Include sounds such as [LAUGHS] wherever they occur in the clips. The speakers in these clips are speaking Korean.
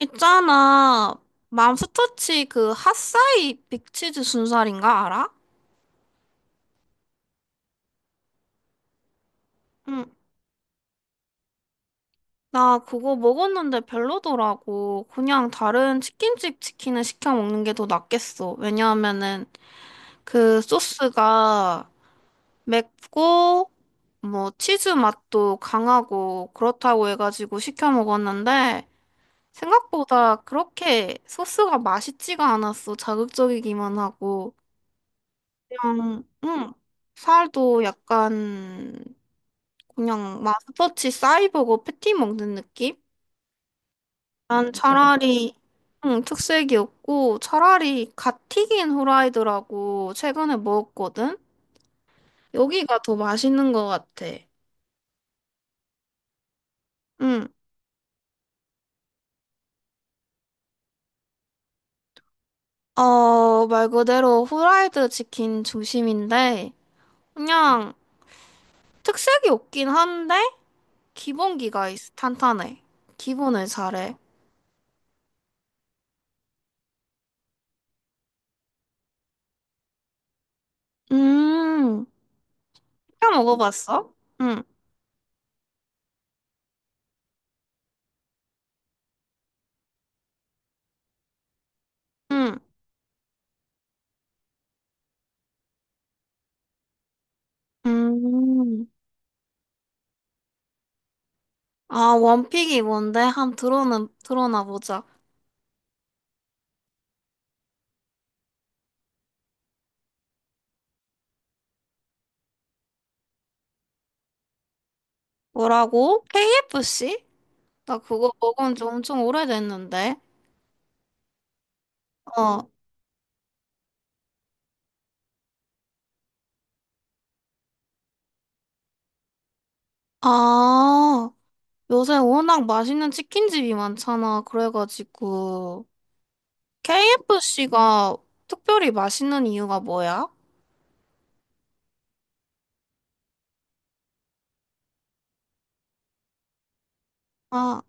있잖아. 맘스터치 그 핫사이 빅치즈 순살인가 알아? 응. 나 그거 먹었는데 별로더라고. 그냥 다른 치킨집 치킨을 시켜 먹는 게 더 낫겠어. 왜냐하면은 그 소스가 맵고 뭐 치즈 맛도 강하고 그렇다고 해가지고 시켜 먹었는데 생각보다 그렇게 소스가 맛있지가 않았어. 자극적이기만 하고. 그냥, 응, 살도 약간, 그냥 마스터치 사이버고 패티 먹는 느낌? 난 차라리, 응, 특색이 없고, 차라리 갓 튀긴 후라이드라고 최근에 먹었거든? 여기가 더 맛있는 것 같아. 응, 어, 말 그대로 후라이드 치킨 중심인데, 그냥 특색이 없긴 한데, 탄탄해. 기본을 잘해. 음, 시켜 먹어봤어? 응. 응. 음. 아, 원픽이 뭔데? 한 들어는 들어나 보자. 뭐라고? KFC? 나 그거 먹은 지 엄청 오래됐는데. 어. 아, 요새 워낙 맛있는 치킨집이 많잖아. 그래가지고 KFC가 특별히 맛있는 이유가 뭐야? 아,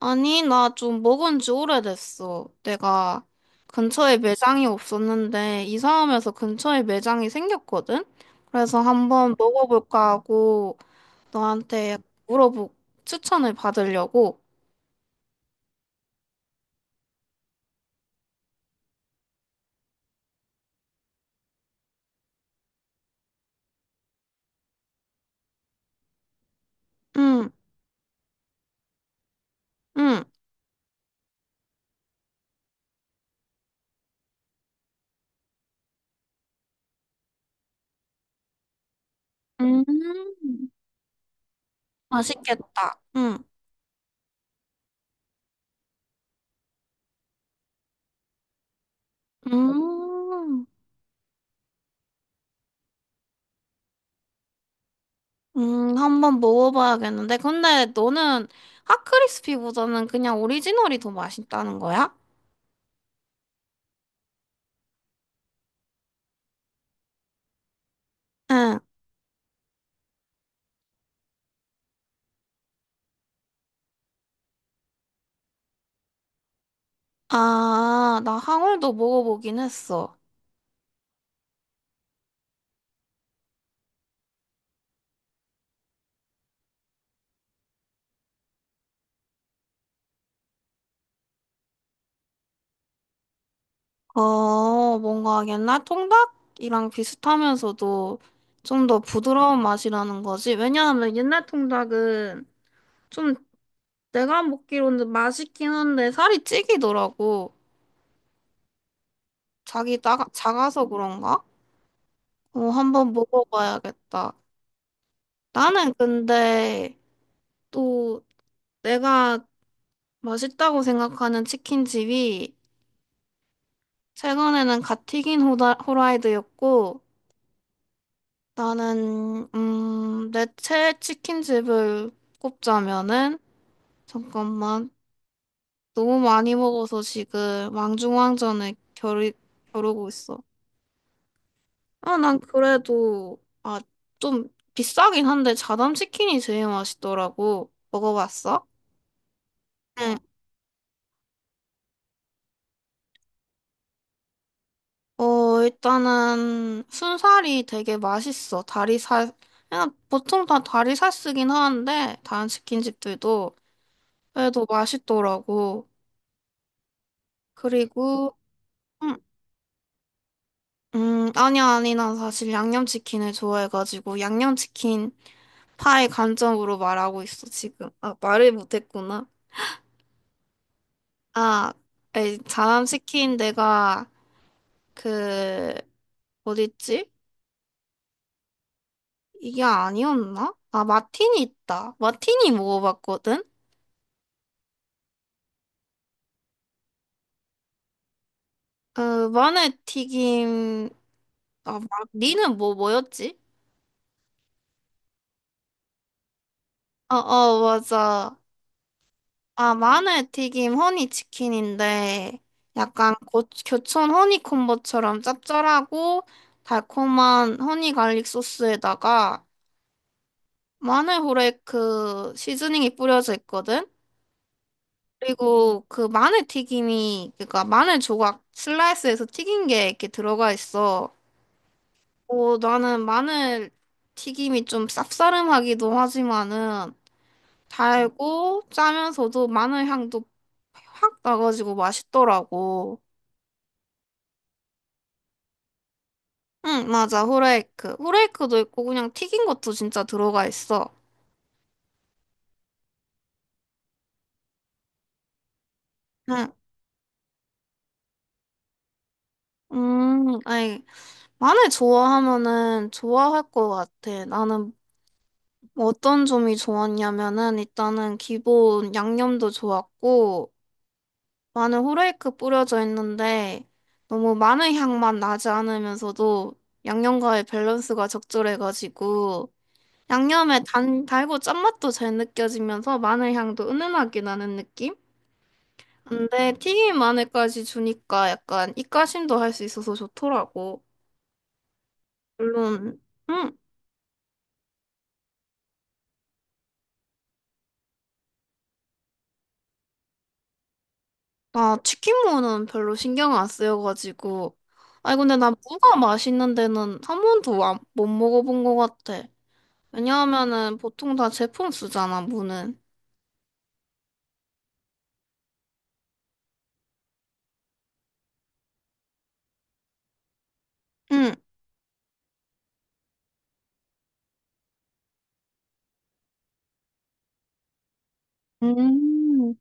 아니, 나 좀 먹은 지 오래됐어. 내가 근처에 매장이 없었는데, 이사하면서 근처에 매장이 생겼거든? 그래서 한번 먹어볼까 하고, 너한테 물어보, 추천을 받으려고. 응, 응, 음, 맛있겠다. 응, 음, 한번 먹어봐야겠는데. 근데 너는 핫크리스피보다는 그냥 오리지널이 더 맛있다는 거야? 응. 아, 나 항울도 먹어보긴 했어. 어, 뭔가 옛날 통닭이랑 비슷하면서도 좀 더 부드러운 맛이라는 거지. 왜냐하면 옛날 통닭은 좀 내가 먹기로는 맛있긴 한데 살이 찌기더라고. 자기 나, 작아서 그런가? 어, 한번 먹어봐야겠다. 나는 근데 또 내가 맛있다고 생각하는 치킨집이 최근에는 갓 튀긴 호라이드였고 나는 내 최애 치킨집을 꼽자면은 잠깐만 너무 많이 먹어서 지금 왕중왕전에 겨루고 있어. 아, 난 그래도 아, 좀 비싸긴 한데 자담 치킨이 제일 맛있더라고. 먹어봤어? 응. 어, 일단은 순살이 되게 맛있어. 다리살 그냥 보통 다 다리살 쓰긴 하는데 다른 치킨집들도 그래도 맛있더라고. 그리고 음, 아니야, 아니, 난 사실 양념치킨을 좋아해가지고, 양념치킨 파의 관점으로 말하고 있어, 지금. 아, 말을 못했구나. 아, 에이, 그, 어딨지? 이게 아니었나? 아, 마틴이 있다. 마틴이 먹어봤거든? 그, 마늘 튀김, 아, 마... 니는 뭐, 뭐였지? 어, 어, 맞아. 아, 마늘튀김 허니치킨인데 약간 교촌 허니콤보처럼 짭짤하고 달콤한 허니 갈릭 소스에다가 마늘 후레이크 시즈닝이 뿌려져 있거든? 그리고 그 마늘튀김이 그러니까 마늘 조각 슬라이스해서 튀긴 게 이렇게 들어가 있어. 어, 나는 마늘튀김이 좀 쌉싸름하기도 하지만은 달고 짜면서도 마늘 향도 확 나가지고 맛있더라고. 응, 맞아. 후레이크. 후레이크도 있고 그냥 튀긴 것도 진짜 들어가 있어. 응. 아니, 마늘 좋아하면은 좋아할 것 같아. 나는 어떤 점이 좋았냐면은 일단은 기본 양념도 좋았고 마늘 후레이크 뿌려져 있는데 너무 마늘 향만 나지 않으면서도 양념과의 밸런스가 적절해가지고 양념의 달고 짠맛도 잘 느껴지면서 마늘 향도 은은하게 나는 느낌? 근데 튀김 안에까지 주니까 약간 입가심도 할 수 있어서 좋더라고. 물론, 응. 나 치킨무는 별로 신경 안 쓰여가지고. 아니, 근데 나 무가 맛있는 데는 한 번도 못 먹어본 것 같아. 왜냐하면은 보통 다 제품 쓰잖아, 무는. 응, 음,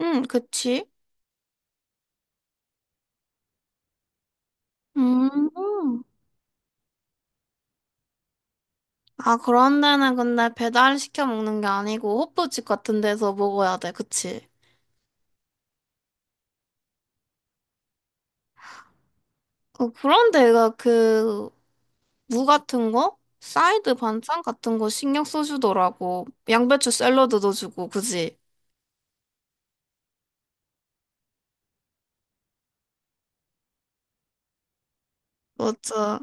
응, 그치? 음. 아, 그런 데는 근데 배달 시켜 먹는 게 아니고 호프집 같은 데서 먹어야 돼, 그치? 어, 그런 데가 그 무 같은 거? 사이드 반찬 같은 거 신경 써주더라고. 양배추 샐러드 도 주고 그지? 맞아.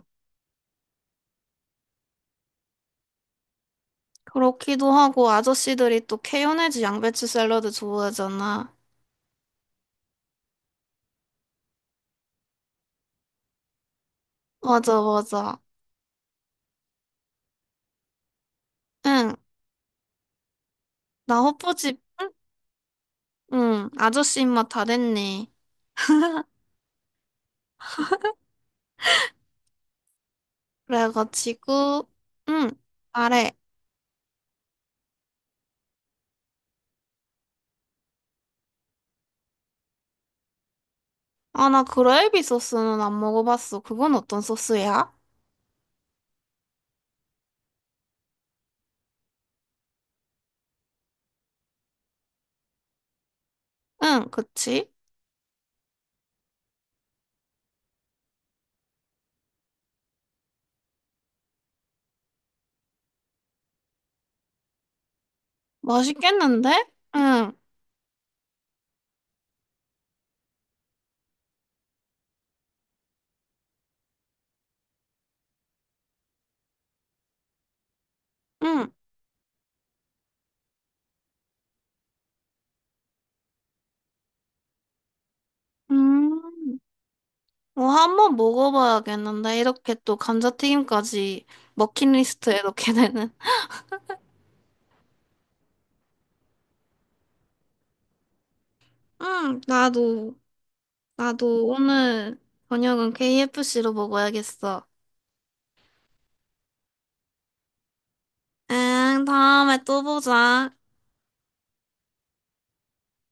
그렇기도 하고, 아저씨들이 또 케요네즈 양배추 샐러드 좋아하잖아. 맞아, 맞아. 응, 나 호프집, 응, 아저씨 입맛 다 됐네. 그래가지고, 응, 말해 아, 나 그레이비 소스는 안 먹어봤어. 그건 어떤 소스야? 응, 그치? 맛있겠는데? 응, 응. 음. 어, 한번 먹어봐야겠는데. 이렇게 또 감자튀김까지 머킷리스트에 넣게 되는. [LAUGHS] 응, 나도, 나도 오늘 저녁은 KFC로 먹어야겠어. 응, 다음에 또 보자.